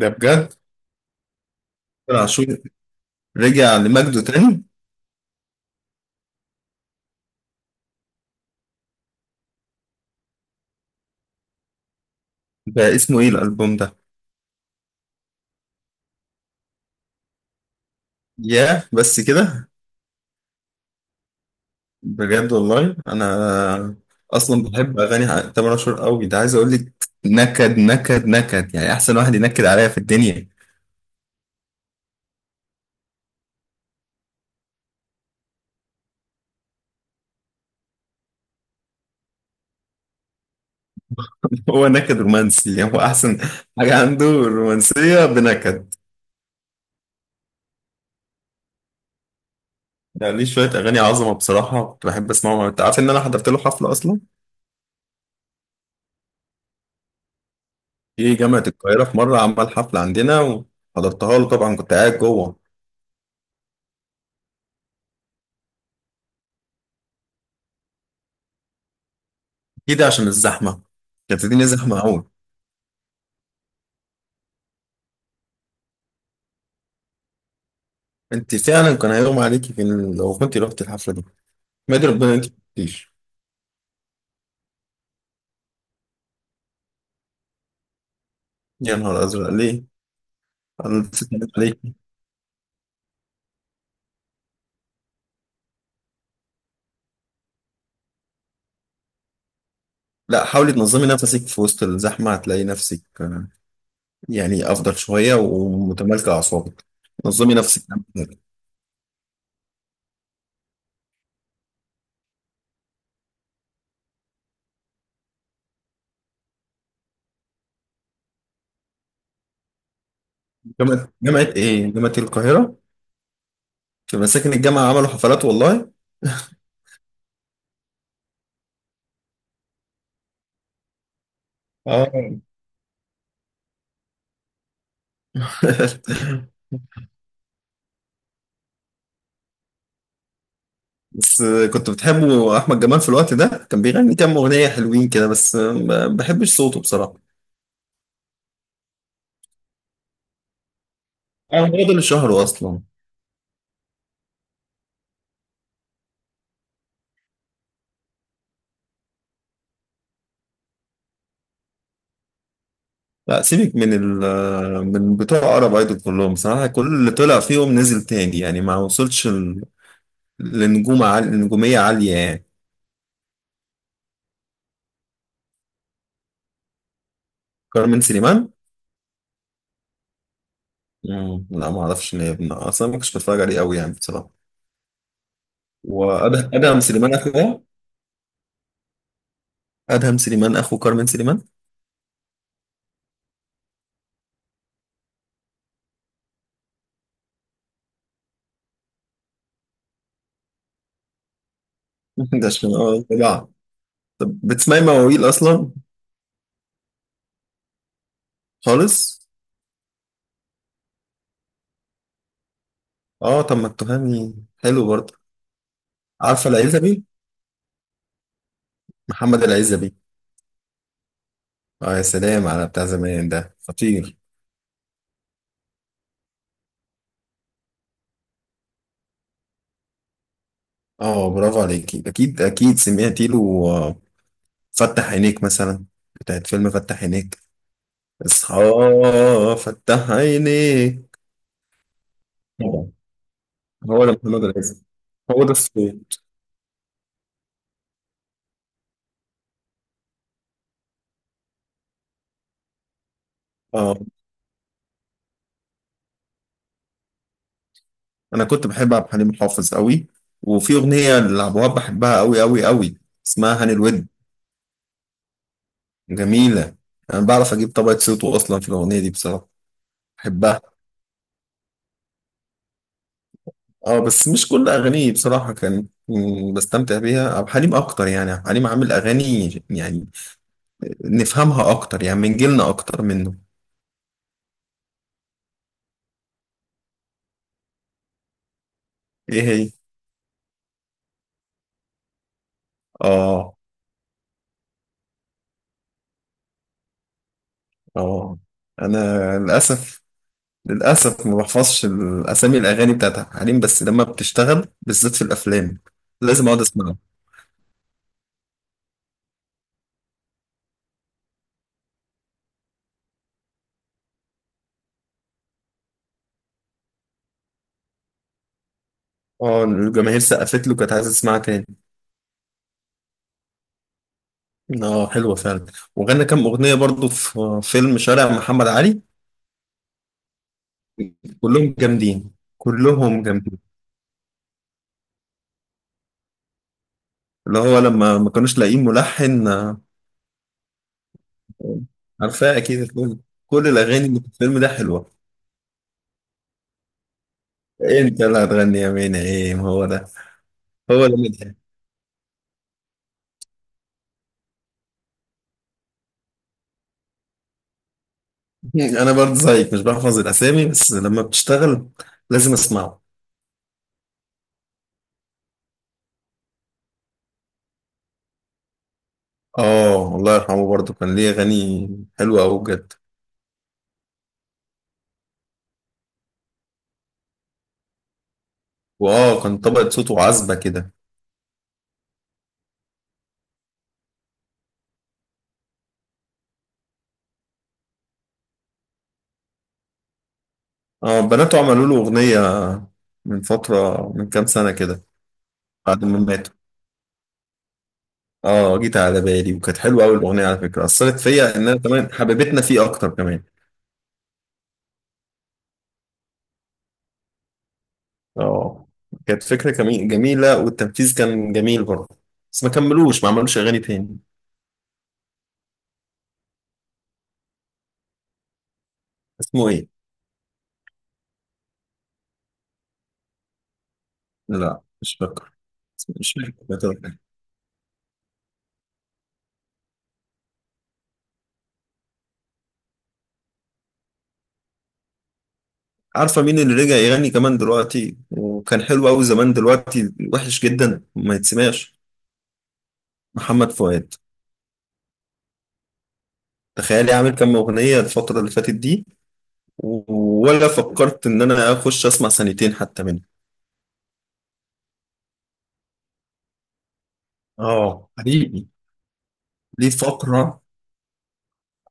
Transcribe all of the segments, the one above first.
ده بجد. تامر عاشور، رجع لمجده تاني. ده اسمه ايه الالبوم ده؟ ياه بس كده؟ بجد والله انا. اصلا بحب اغاني تامر عاشور قوي ده، عايز اقول لك. نكد نكد نكد، يعني احسن واحد ينكد عليا في الدنيا. هو نكد رومانسي، يعني هو احسن حاجه عنده الرومانسيه بنكد. يعني ليه شويه اغاني عظمه بصراحه، كنت بحب اسمعهم. انت عارف ان انا حضرت له حفله اصلا؟ في جامعه القاهره في مره عمل حفله عندنا، وحضرتها له طبعا، كنت قاعد جوه كده عشان الزحمة. كانت الدنيا زحمة أوي. أنت فعلا كان هيغمى عليكي لو كنت رحت الحفلة دي. ما أدري، ربنا أنت ما كنتيش. يا نهار أزرق، ليه؟ أنا نسيت أقول عليك. لا حاولي تنظمي نفسك في وسط الزحمة، هتلاقي نفسك يعني أفضل شوية ومتمالكة أعصابك. نظمي نفسك. جامعة إيه؟ جامعة القاهرة. في مساكن الجامعة عملوا حفلات والله. اه. بس كنت بتحبه احمد جمال في الوقت ده؟ كان بيغني كام اغنيه حلوين كده بس ما بحبش صوته بصراحه. اه، هو ده اللي شهره اصلا. لا سيبك من من بتوع عرب ايدول كلهم بصراحه، كل اللي طلع فيهم نزل تاني، يعني ما وصلش لنجوم عالية، نجوميه عاليه يعني. كارمن سليمان. مم، لا ما اعرفش ان هي ابن اصلا، ما كنتش بتفرج عليه قوي يعني بصراحه. وادهم سليمان اخوه، ادهم سليمان اخو كارمن سليمان. ده عشان طلع. طب، بتسمعي مواويل اصلا؟ خالص. اه، طب ما التهامي حلو برضه. عارفه العزبي؟ محمد العزبي. اه، يا سلام على بتاع زمان، ده خطير. اه، برافو عليكي، اكيد اكيد سمعتي له آه، فتح عينيك مثلا، بتاعت فيلم فتح عينيك، اصحى، فتح عينيك. طبعا، هو ده محمد العزيز، هو ده الصوت. اه، انا كنت بحب عبد الحليم حافظ قوي. وفي اغنيه لعبد الوهاب بحبها قوي قوي قوي، اسمها هاني الود. جميله، انا بعرف اجيب طبقه صوته اصلا في الاغنيه دي بصراحه، بحبها. اه، بس مش كل اغانيه بصراحه كان، بستمتع بيها عبد الحليم اكتر. يعني عبد الحليم عامل اغاني يعني نفهمها اكتر، يعني من جيلنا اكتر منه. ايه هي؟ اه، اه، انا للاسف للاسف ما بحفظش الاسامي الاغاني بتاعت عبد الحليم، بس لما بتشتغل بالذات في الافلام لازم اقعد اسمعها. اه، الجماهير سقفت له، كانت عايزه تسمعها تاني. اه، حلوه فعلا. وغنى كام اغنيه برضو في فيلم شارع محمد علي، كلهم جامدين، كلهم جامدين. اللي هو لما ما كانوش لاقيين ملحن عارفاه اكيد الفيلم، كل الاغاني اللي في الفيلم ده حلوه. انت اللي هتغني يا مينا ايه؟ ما هو ده، هو ده مدحت. انا برضه زيك مش بحفظ الاسامي، بس لما بتشتغل لازم اسمعه. اه، الله يرحمه برضه، كان ليه اغاني حلوه قوي بجد. واه، كان طبقه صوته عذبه كده. اه، بناته عملوا له اغنيه من فتره، من كام سنه كده، بعد ما ماتوا. اه، جيت على بالي، وكانت حلوه قوي الاغنيه على فكره، اثرت فيا ان انا كمان حبيبتنا فيه اكتر كمان. اه، كانت فكره جميله، والتنفيذ كان جميل برضه. بس ما كملوش، ما عملوش اغاني تاني. اسمه ايه؟ لا، مش فاكر، مش فاكر. عارفة مين اللي رجع يغني كمان دلوقتي وكان حلو أوي زمان؟ دلوقتي وحش جدا ما يتسمعش. محمد فؤاد. تخيلي عامل كام أغنية الفترة اللي فاتت دي؟ ولا فكرت إن أنا أخش أسمع سنتين حتى منه. اه، حقيقي. ليه فقرة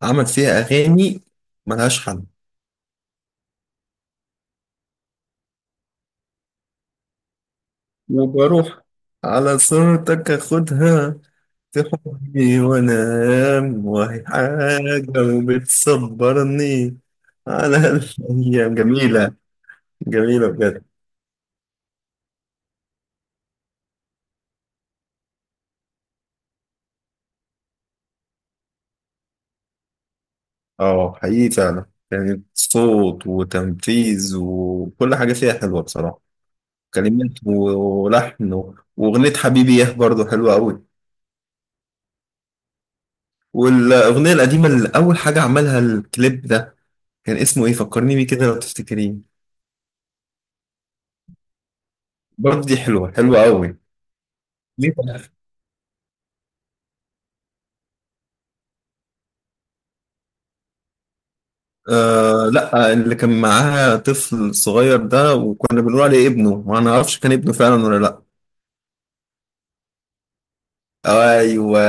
عمل فيها أغاني ملهاش حل. وبروح، على صورتك أخدها، تحبني وانا، ايام وهي حاجة، وبتصبرني على الايام جميلة. جميلة بجد. اه، حقيقي فعلا، كانت صوت وتنفيذ وكل حاجة فيها حلوة بصراحة. كلمات ولحن واغنية حبيبي ياه برضه حلوة قوي. والاغنية القديمة اللي اول حاجة عملها الكليب ده كان اسمه ايه؟ فكرني بيه كده لو تفتكرين. برضه دي حلوة حلوة قوي. آه، لا، اللي كان معاها طفل صغير ده وكنا بنقول عليه ابنه، وانا ما اعرفش كان ابنه فعلا ولا لا. ايوه،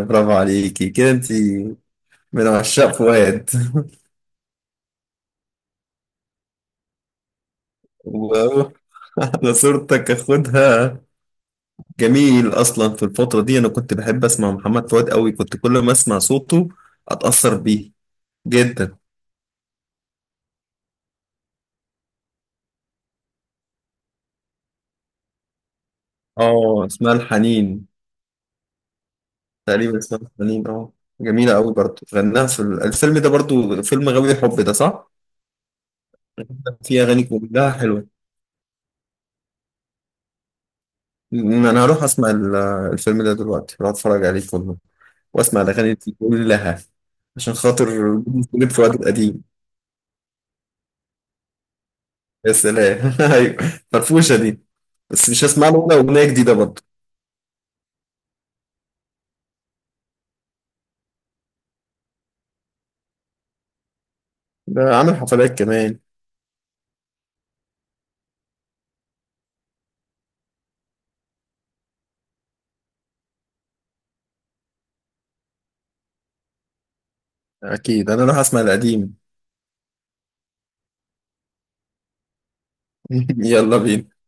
برافو عليكي كده، انت من عشاق فؤاد. و- انا صورتك اخدها. جميل، اصلا في الفتره دي انا كنت بحب اسمع محمد فؤاد قوي، كنت كل ما اسمع صوته اتاثر بيه جدا. اه، اسمها الحنين. تقريبا اسمها الحنين اه. جميله قوي برضه، غناها في الفيلم ده برضه، فيلم غاوي حب ده صح؟ في اغاني كلها حلوه. انا هروح اسمع الفيلم ده دلوقتي، هروح اتفرج عليه كله واسمع الاغاني دي كلها، عشان خاطر نجيب فؤاد القديم. يا سلام! ايوه، فرفوشه دي، بس مش هسمع له ولا اغنيه جديده برضه. ده عامل حفلات كمان. اكيد، انا راح اسمع القديم. يلا بينا.